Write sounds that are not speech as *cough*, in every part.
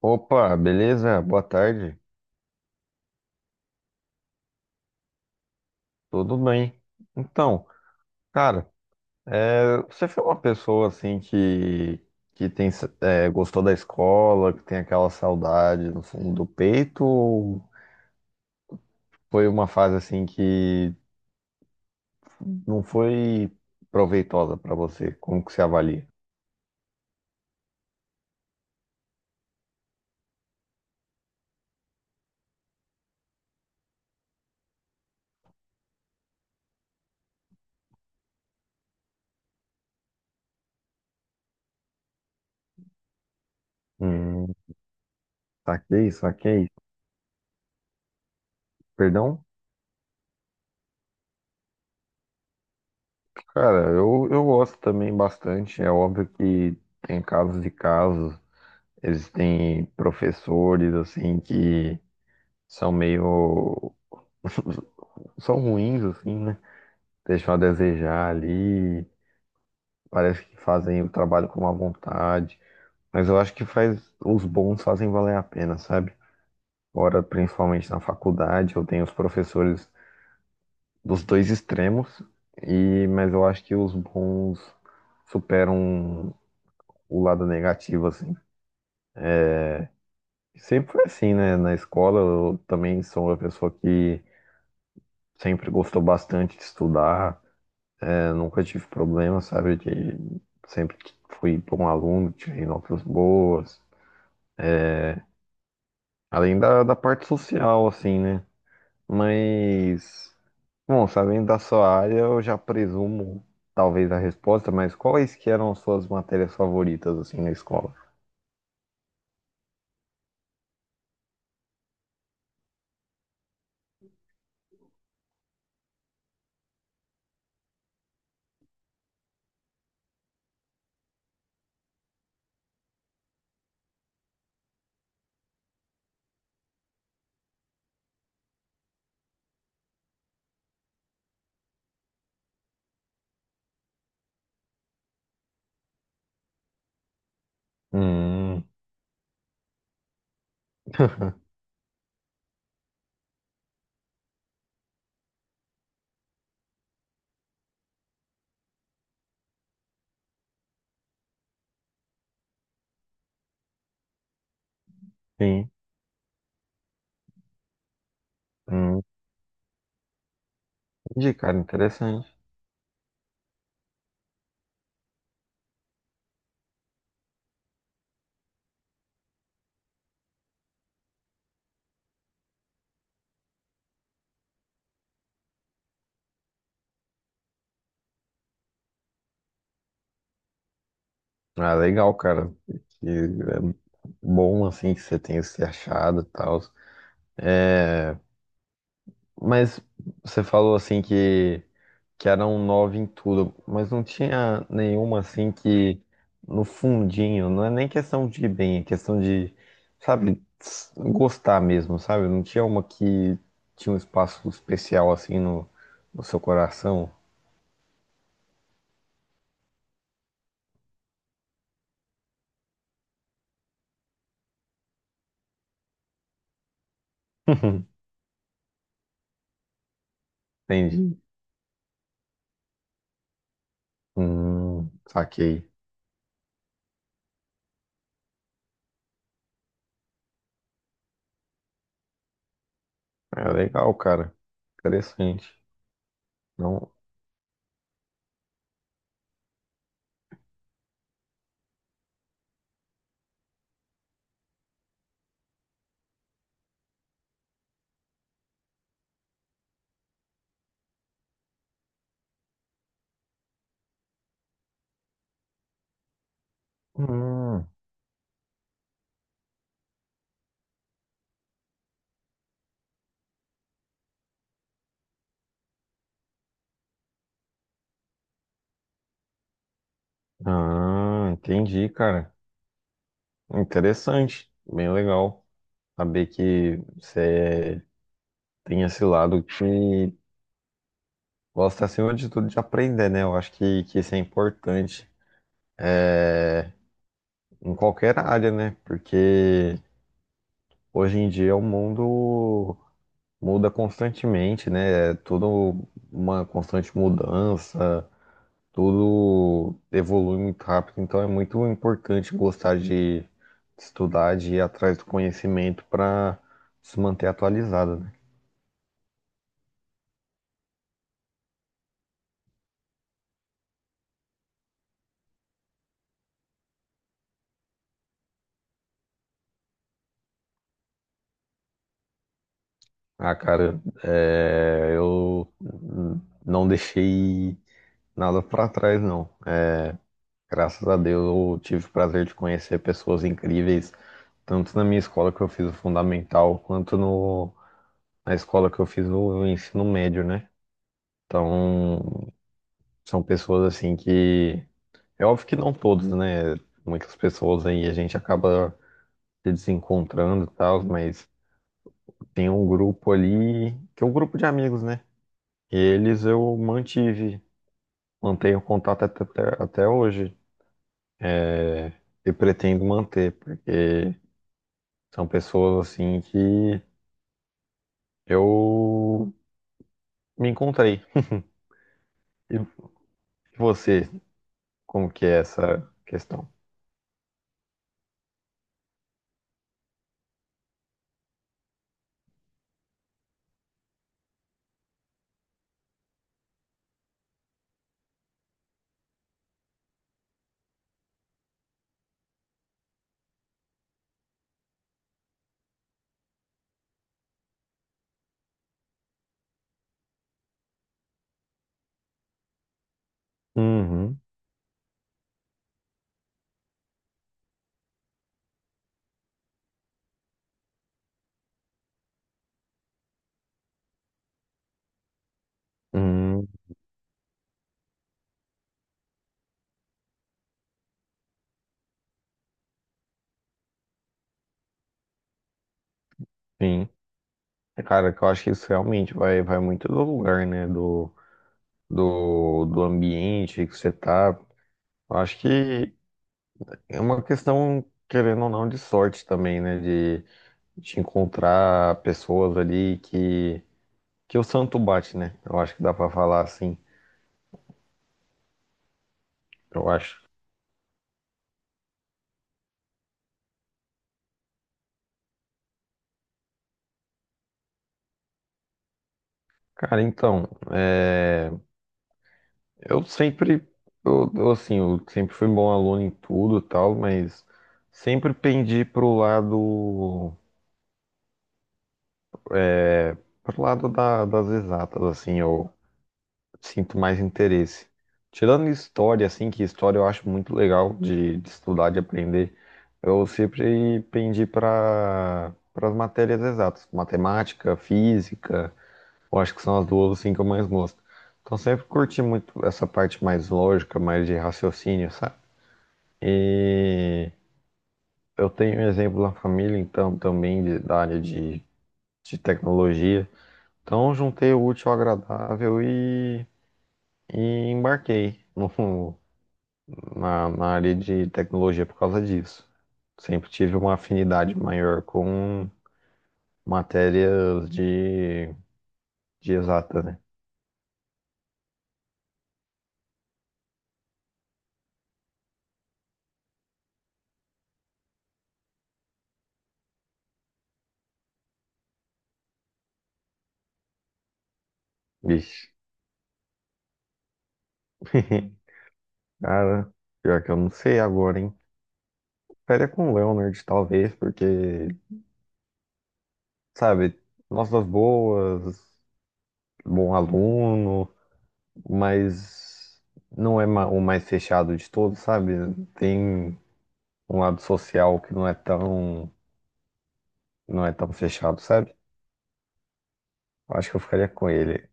Opa, beleza? Boa tarde. Tudo bem? Então, cara, você foi uma pessoa assim que gostou da escola, que tem aquela saudade no fundo do peito, ou foi uma fase assim que não foi proveitosa pra você? Como que você avalia? Hum, saquei. Perdão? Cara, eu gosto também bastante. É óbvio que tem casos e casos. Existem professores assim que são meio. *laughs* São ruins, assim, né? Deixam a desejar ali, parece que fazem o trabalho com má vontade, mas eu acho que faz os bons fazem valer a pena, sabe? Ora, principalmente na faculdade, eu tenho os professores dos dois extremos, mas eu acho que os bons superam o lado negativo, assim. Sempre foi assim, né? Na escola, eu também sou uma pessoa que sempre gostou bastante de estudar. Eu nunca tive problema, sabe? Sempre fui bom aluno, tirei notas boas. Além da parte social, assim, né? Mas, bom, sabendo da sua área, eu já presumo talvez a resposta, mas quais que eram as suas matérias favoritas, assim, na escola? Hum. *laughs* Sim. Hum, entendi, cara, interessante. Ah, legal, cara. Que é bom, assim, que você tenha se achado e tal. Mas você falou assim que era um nove em tudo, mas não tinha nenhuma assim que no fundinho, não é nem questão de ir bem, é questão de, sabe, gostar mesmo, sabe? Não tinha uma que tinha um espaço especial assim no seu coração. *laughs* Entendi. Saquei. É legal, cara. Interessante. Não. Hum. Ah, entendi, cara. Interessante. Bem legal. Saber que você tem esse lado que gosta, acima de tudo, de aprender, né? Eu acho que isso é importante em qualquer área, né? Porque hoje em dia o mundo muda constantemente, né? É tudo uma constante mudança, tudo evolui muito rápido. Então é muito importante gostar de estudar, de ir atrás do conhecimento para se manter atualizado, né? Ah, cara, é, eu não deixei nada pra trás, não. É, graças a Deus eu tive o prazer de conhecer pessoas incríveis, tanto na minha escola que eu fiz o fundamental, quanto no, na escola que eu fiz o ensino médio, né? Então, são pessoas assim que. É óbvio que não todos, né? Muitas pessoas aí a gente acaba se desencontrando e tal, mas tem um grupo ali, que é um grupo de amigos, né? Eles eu mantive. Mantenho contato até hoje. É, e pretendo manter, porque são pessoas assim que eu me encontrei. E você, como que é essa questão? Uhum, uhum, sim. É, cara, que eu acho que isso realmente vai muito do lugar, né? Do ambiente que você tá. Eu acho que é uma questão, querendo ou não, de sorte também, né? De, te encontrar pessoas ali que. Que o santo bate, né? Eu acho que dá pra falar assim, eu acho. Cara, então, é, eu sempre, eu, assim, eu sempre fui bom aluno em tudo e tal, mas sempre pendi pro lado das exatas, assim, eu sinto mais interesse. Tirando história, assim, que história eu acho muito legal de estudar, de aprender, eu sempre pendi para as matérias exatas, matemática, física. Eu acho que são as duas assim que eu mais gosto. Então sempre curti muito essa parte mais lógica, mais de raciocínio, sabe? E eu tenho um exemplo na família, então, também da área de tecnologia. Então juntei o útil ao agradável e embarquei na área de tecnologia por causa disso. Sempre tive uma afinidade maior com matérias de exata, né? Vixe. *laughs* Cara, pior que eu não sei agora, hein? Ficaria com o Leonard, talvez, porque, sabe, notas boas, bom aluno, mas não é o mais fechado de todos, sabe? Tem um lado social que não é tão fechado, sabe? Acho que eu ficaria com ele.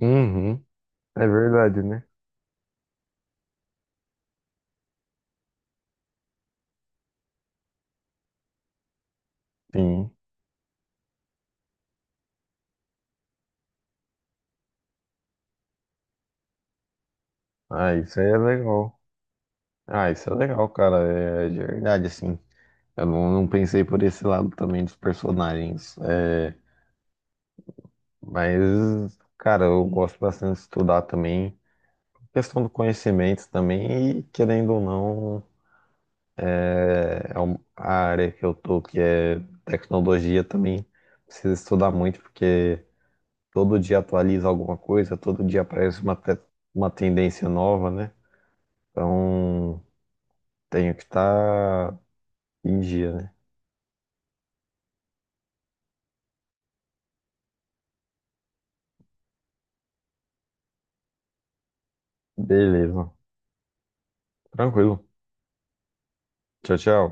Uhum, é verdade, né? Sim. Ah, isso aí é legal. Ah, isso é legal, cara. É é de verdade, assim. Eu não, não pensei por esse lado também dos personagens. É, mas, cara, eu gosto bastante de estudar também. Questão do conhecimento também, e querendo ou não, é a área que eu tô, que é tecnologia também, precisa estudar muito, porque todo dia atualiza alguma coisa, todo dia aparece uma, uma tendência nova, né? Então, tenho que estar em dia, né? Beleza. Tranquilo. Tchau, tchau.